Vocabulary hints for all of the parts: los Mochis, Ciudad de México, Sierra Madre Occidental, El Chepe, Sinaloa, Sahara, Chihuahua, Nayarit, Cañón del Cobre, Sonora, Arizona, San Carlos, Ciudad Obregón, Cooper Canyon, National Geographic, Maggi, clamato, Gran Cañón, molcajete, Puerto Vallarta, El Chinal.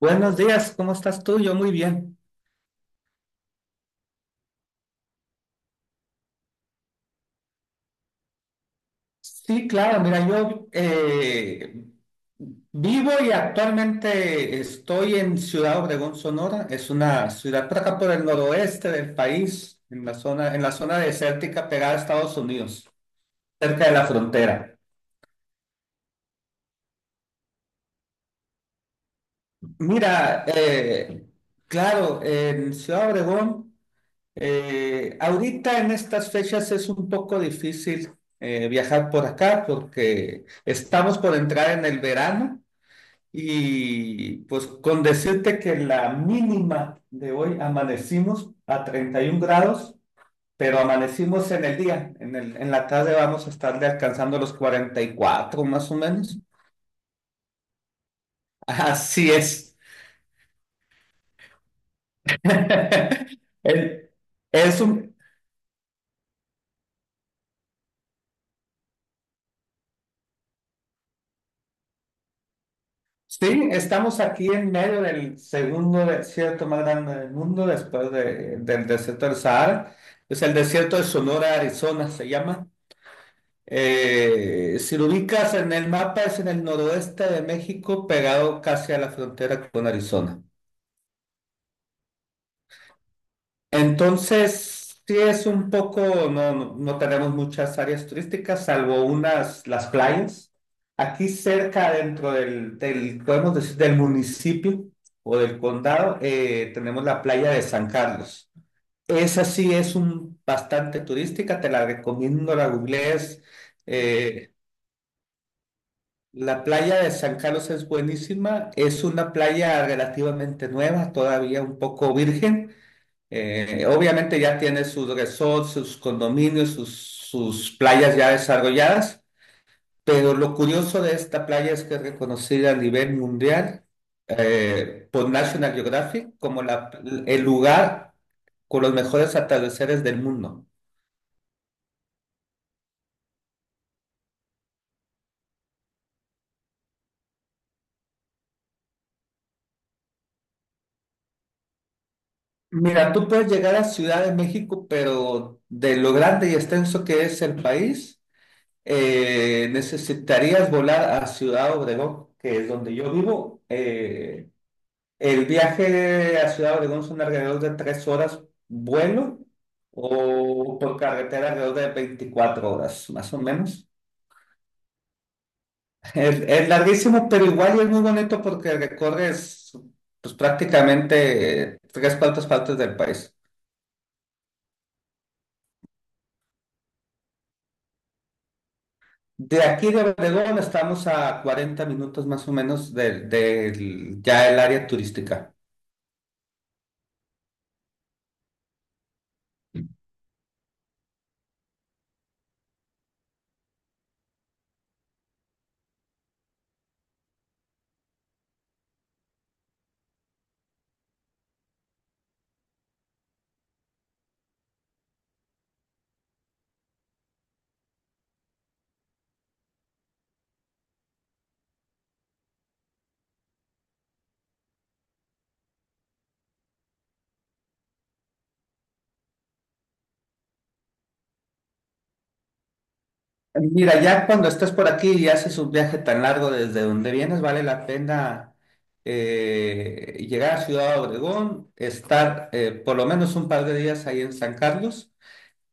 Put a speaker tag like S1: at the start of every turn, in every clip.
S1: Buenos días, ¿cómo estás tú? Yo muy bien. Sí, claro, mira, yo vivo y actualmente estoy en Ciudad Obregón, Sonora. Es una ciudad por acá por el noroeste del país, en en la zona desértica pegada a Estados Unidos, cerca de la frontera. Mira, claro, en Ciudad Obregón. Ahorita en estas fechas es un poco difícil viajar por acá porque estamos por entrar en el verano y pues con decirte que la mínima de hoy amanecimos a 31 grados, pero amanecimos en el día, en la tarde vamos a estarle alcanzando los 44 más o menos. Así es. El- Es un, Sí, estamos aquí en medio del segundo desierto más grande del mundo, del desierto del Sahara. Es el desierto de Sonora, Arizona, se llama. Si lo ubicas en el mapa, es en el noroeste de México, pegado casi a la frontera con Arizona. Entonces, sí es un no, no tenemos muchas áreas turísticas, salvo unas, las playas. Aquí cerca, dentro del, podemos decir, del municipio o del condado, tenemos la playa de San Carlos. Esa sí es un, bastante turística, te la recomiendo, la googlees. Eh, la playa de San Carlos es buenísima, es una playa relativamente nueva, todavía un poco virgen. Obviamente ya tiene sus resorts, sus condominios, sus playas ya desarrolladas, pero lo curioso de esta playa es que es reconocida a nivel mundial por National Geographic el lugar con los mejores atardeceres del mundo. Mira, tú puedes llegar a Ciudad de México, pero de lo grande y extenso que es el país, necesitarías volar a Ciudad Obregón, que es donde yo vivo. El viaje a Ciudad Obregón son alrededor de 3 horas vuelo o por carretera alrededor de 24 horas, más o menos. Es larguísimo, pero igual es muy bonito porque recorres pues, prácticamente tres cuartas partes del país. De aquí de Obregón estamos a 40 minutos más o menos ya el área turística. Mira, ya cuando estás por aquí y haces un viaje tan largo desde donde vienes, vale la pena llegar a Ciudad Obregón, estar por lo menos un par de días ahí en San Carlos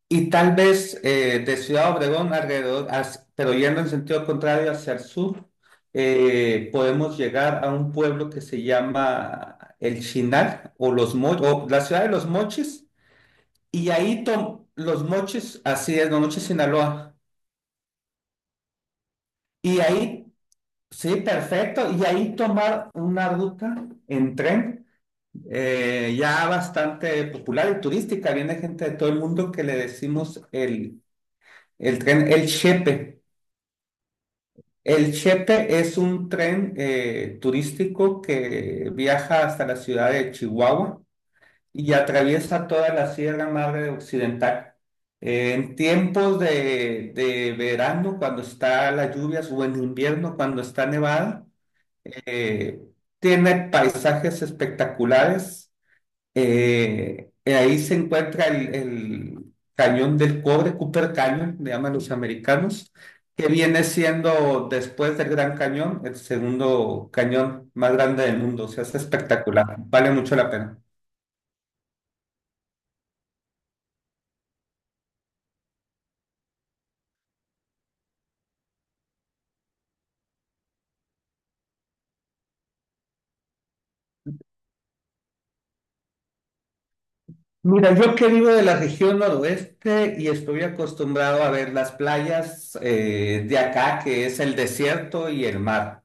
S1: y tal vez de Ciudad Obregón alrededor, pero yendo en sentido contrario hacia el sur, podemos llegar a un pueblo que se llama El Chinal o, o la ciudad de los Mochis y los Mochis, así es, los Mochis Sinaloa. Y ahí sí, perfecto. Y ahí tomar una ruta en tren ya bastante popular y turística. Viene gente de todo el mundo que le decimos el tren El Chepe. El Chepe es un tren turístico que viaja hasta la ciudad de Chihuahua y atraviesa toda la Sierra Madre Occidental. En tiempos de verano, cuando está las lluvias, o en invierno, cuando está nevada eh, tiene paisajes espectaculares. Y ahí se encuentra el Cañón del Cobre, Cooper Canyon, le llaman los americanos, que viene siendo después del Gran Cañón, el segundo cañón más grande del mundo. O sea, es espectacular, vale mucho la pena. Mira, yo que vivo de la región noroeste y estoy acostumbrado a ver las playas de acá, que es el desierto y el mar.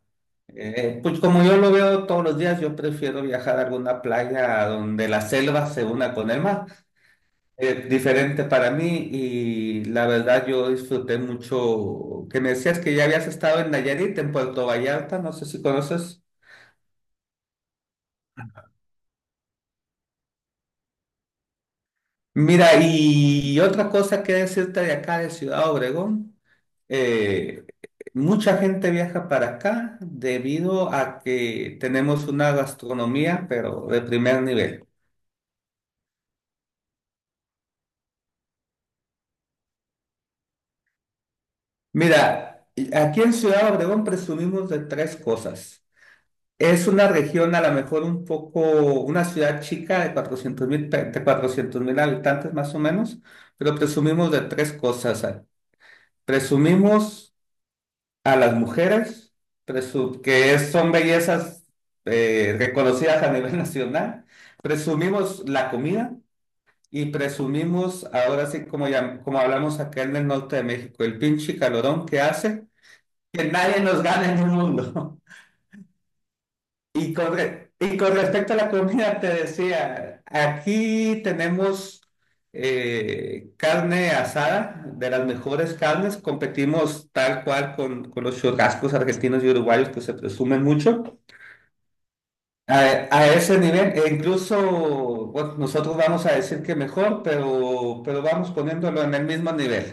S1: Pues como yo lo veo todos los días, yo prefiero viajar a alguna playa donde la selva se una con el mar. Es diferente para mí y la verdad yo disfruté mucho que me decías que ya habías estado en Nayarit, en Puerto Vallarta, no sé si conoces. Mira, y otra cosa que decirte de acá, de Ciudad Obregón, eh, mucha gente viaja para acá debido a que tenemos una gastronomía, pero de primer nivel. Mira, aquí en Ciudad Obregón presumimos de tres cosas. Es una región a lo mejor un una ciudad chica de 400 mil, de 400 mil habitantes más o menos, pero presumimos de tres cosas. Ah. Presumimos a las mujeres, son bellezas reconocidas a nivel nacional. Presumimos la comida y presumimos, ahora sí, como, ya, como hablamos acá en el norte de México, el pinche calorón que hace que nadie nos gane en el mundo. Y y con respecto a la comida, te decía, aquí tenemos carne asada, de las mejores carnes, competimos tal cual con los churrascos argentinos y uruguayos que se presumen mucho. A, a ese nivel, e incluso bueno, nosotros vamos a decir que mejor, pero vamos poniéndolo en el mismo nivel.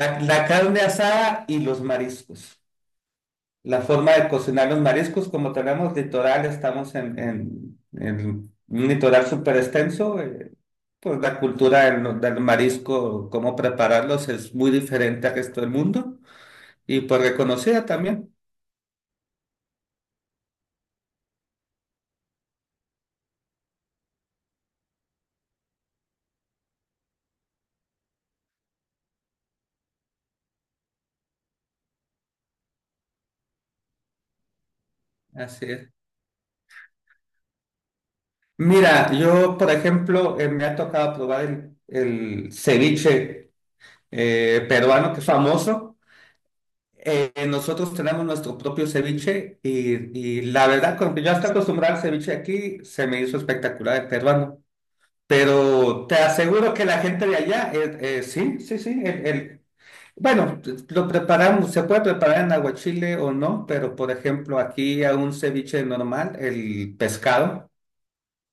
S1: La carne asada y los mariscos. La forma de cocinar los mariscos, como tenemos litoral, estamos en un litoral súper extenso, pues la cultura del, no- del marisco, cómo prepararlos es muy diferente al resto del mundo y pues reconocida también. Así es. Mira, yo, por ejemplo, me ha tocado probar el ceviche peruano, que es famoso. Nosotros tenemos nuestro propio ceviche y la verdad, como que yo hasta acostumbrado al ceviche de aquí, se me hizo espectacular el peruano. Pero te aseguro que la gente de allá, sí, sí, sí. Bueno, lo preparamos, se puede preparar en aguachile o no, pero por ejemplo, aquí a un ceviche normal, el pescado,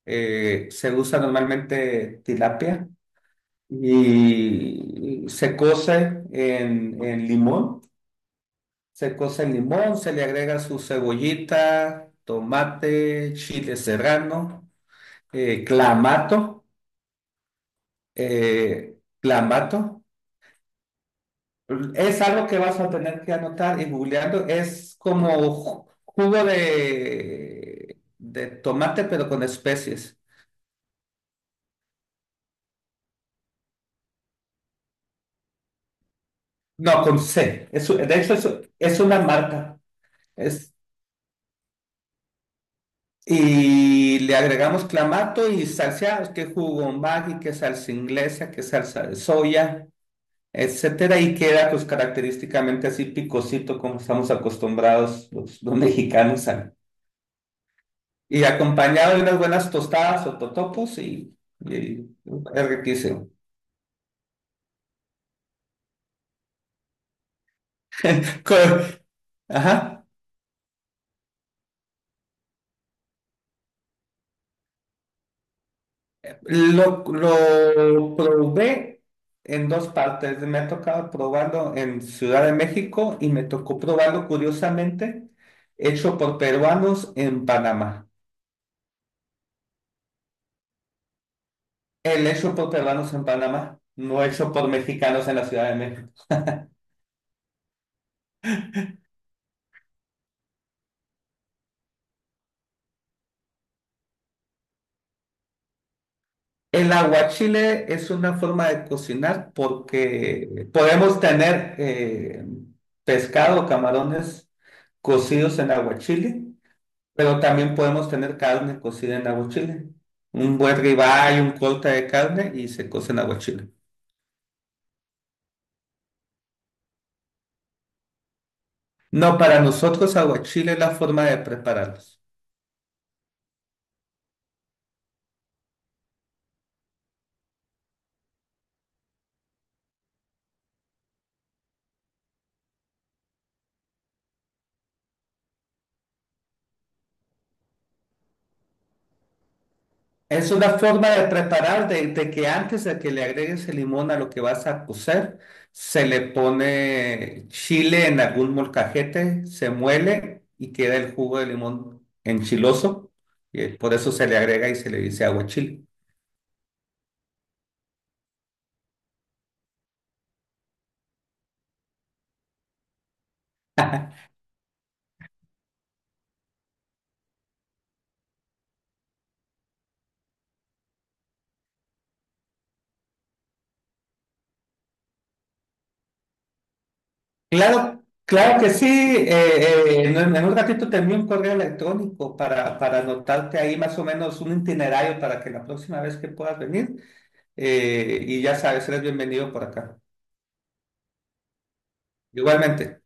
S1: se usa normalmente tilapia y se cose en limón. Se cose el limón, se le agrega su cebollita, tomate, chile serrano, clamato, clamato. Es algo que vas a tener que anotar y googleando. Es como jugo de tomate, pero con especies. No, con C. Es de hecho, es una marca. Es, y le agregamos clamato y salsa, que jugo Maggi, que salsa inglesa, que salsa de soya. Etcétera, y queda pues característicamente así picosito como estamos acostumbrados los mexicanos a- Y acompañado de unas buenas tostadas o totopos y es riquísimo. Co- Ajá. Lo probé en dos partes. Me ha tocado probarlo en Ciudad de México y me tocó probarlo curiosamente hecho por peruanos en Panamá. El hecho por peruanos en Panamá, no hecho por mexicanos en la Ciudad de México. El aguachile es una forma de cocinar porque podemos tener pescado, camarones cocidos en aguachile, pero también podemos tener carne cocida en aguachile. Un buen ribeye, un corte de carne y se cose en aguachile. No, para nosotros aguachile es la forma de prepararlos. Es una forma de preparar, de que antes de que le agregues el limón a lo que vas a cocer, se le pone chile en algún molcajete, se muele y queda el jugo de limón enchiloso. Y por eso se le agrega y se le dice aguachile. Claro, claro que sí. En un ratito te envío un correo electrónico para anotarte ahí más o menos un itinerario para que la próxima vez que puedas venir, y ya sabes, eres bienvenido por acá. Igualmente.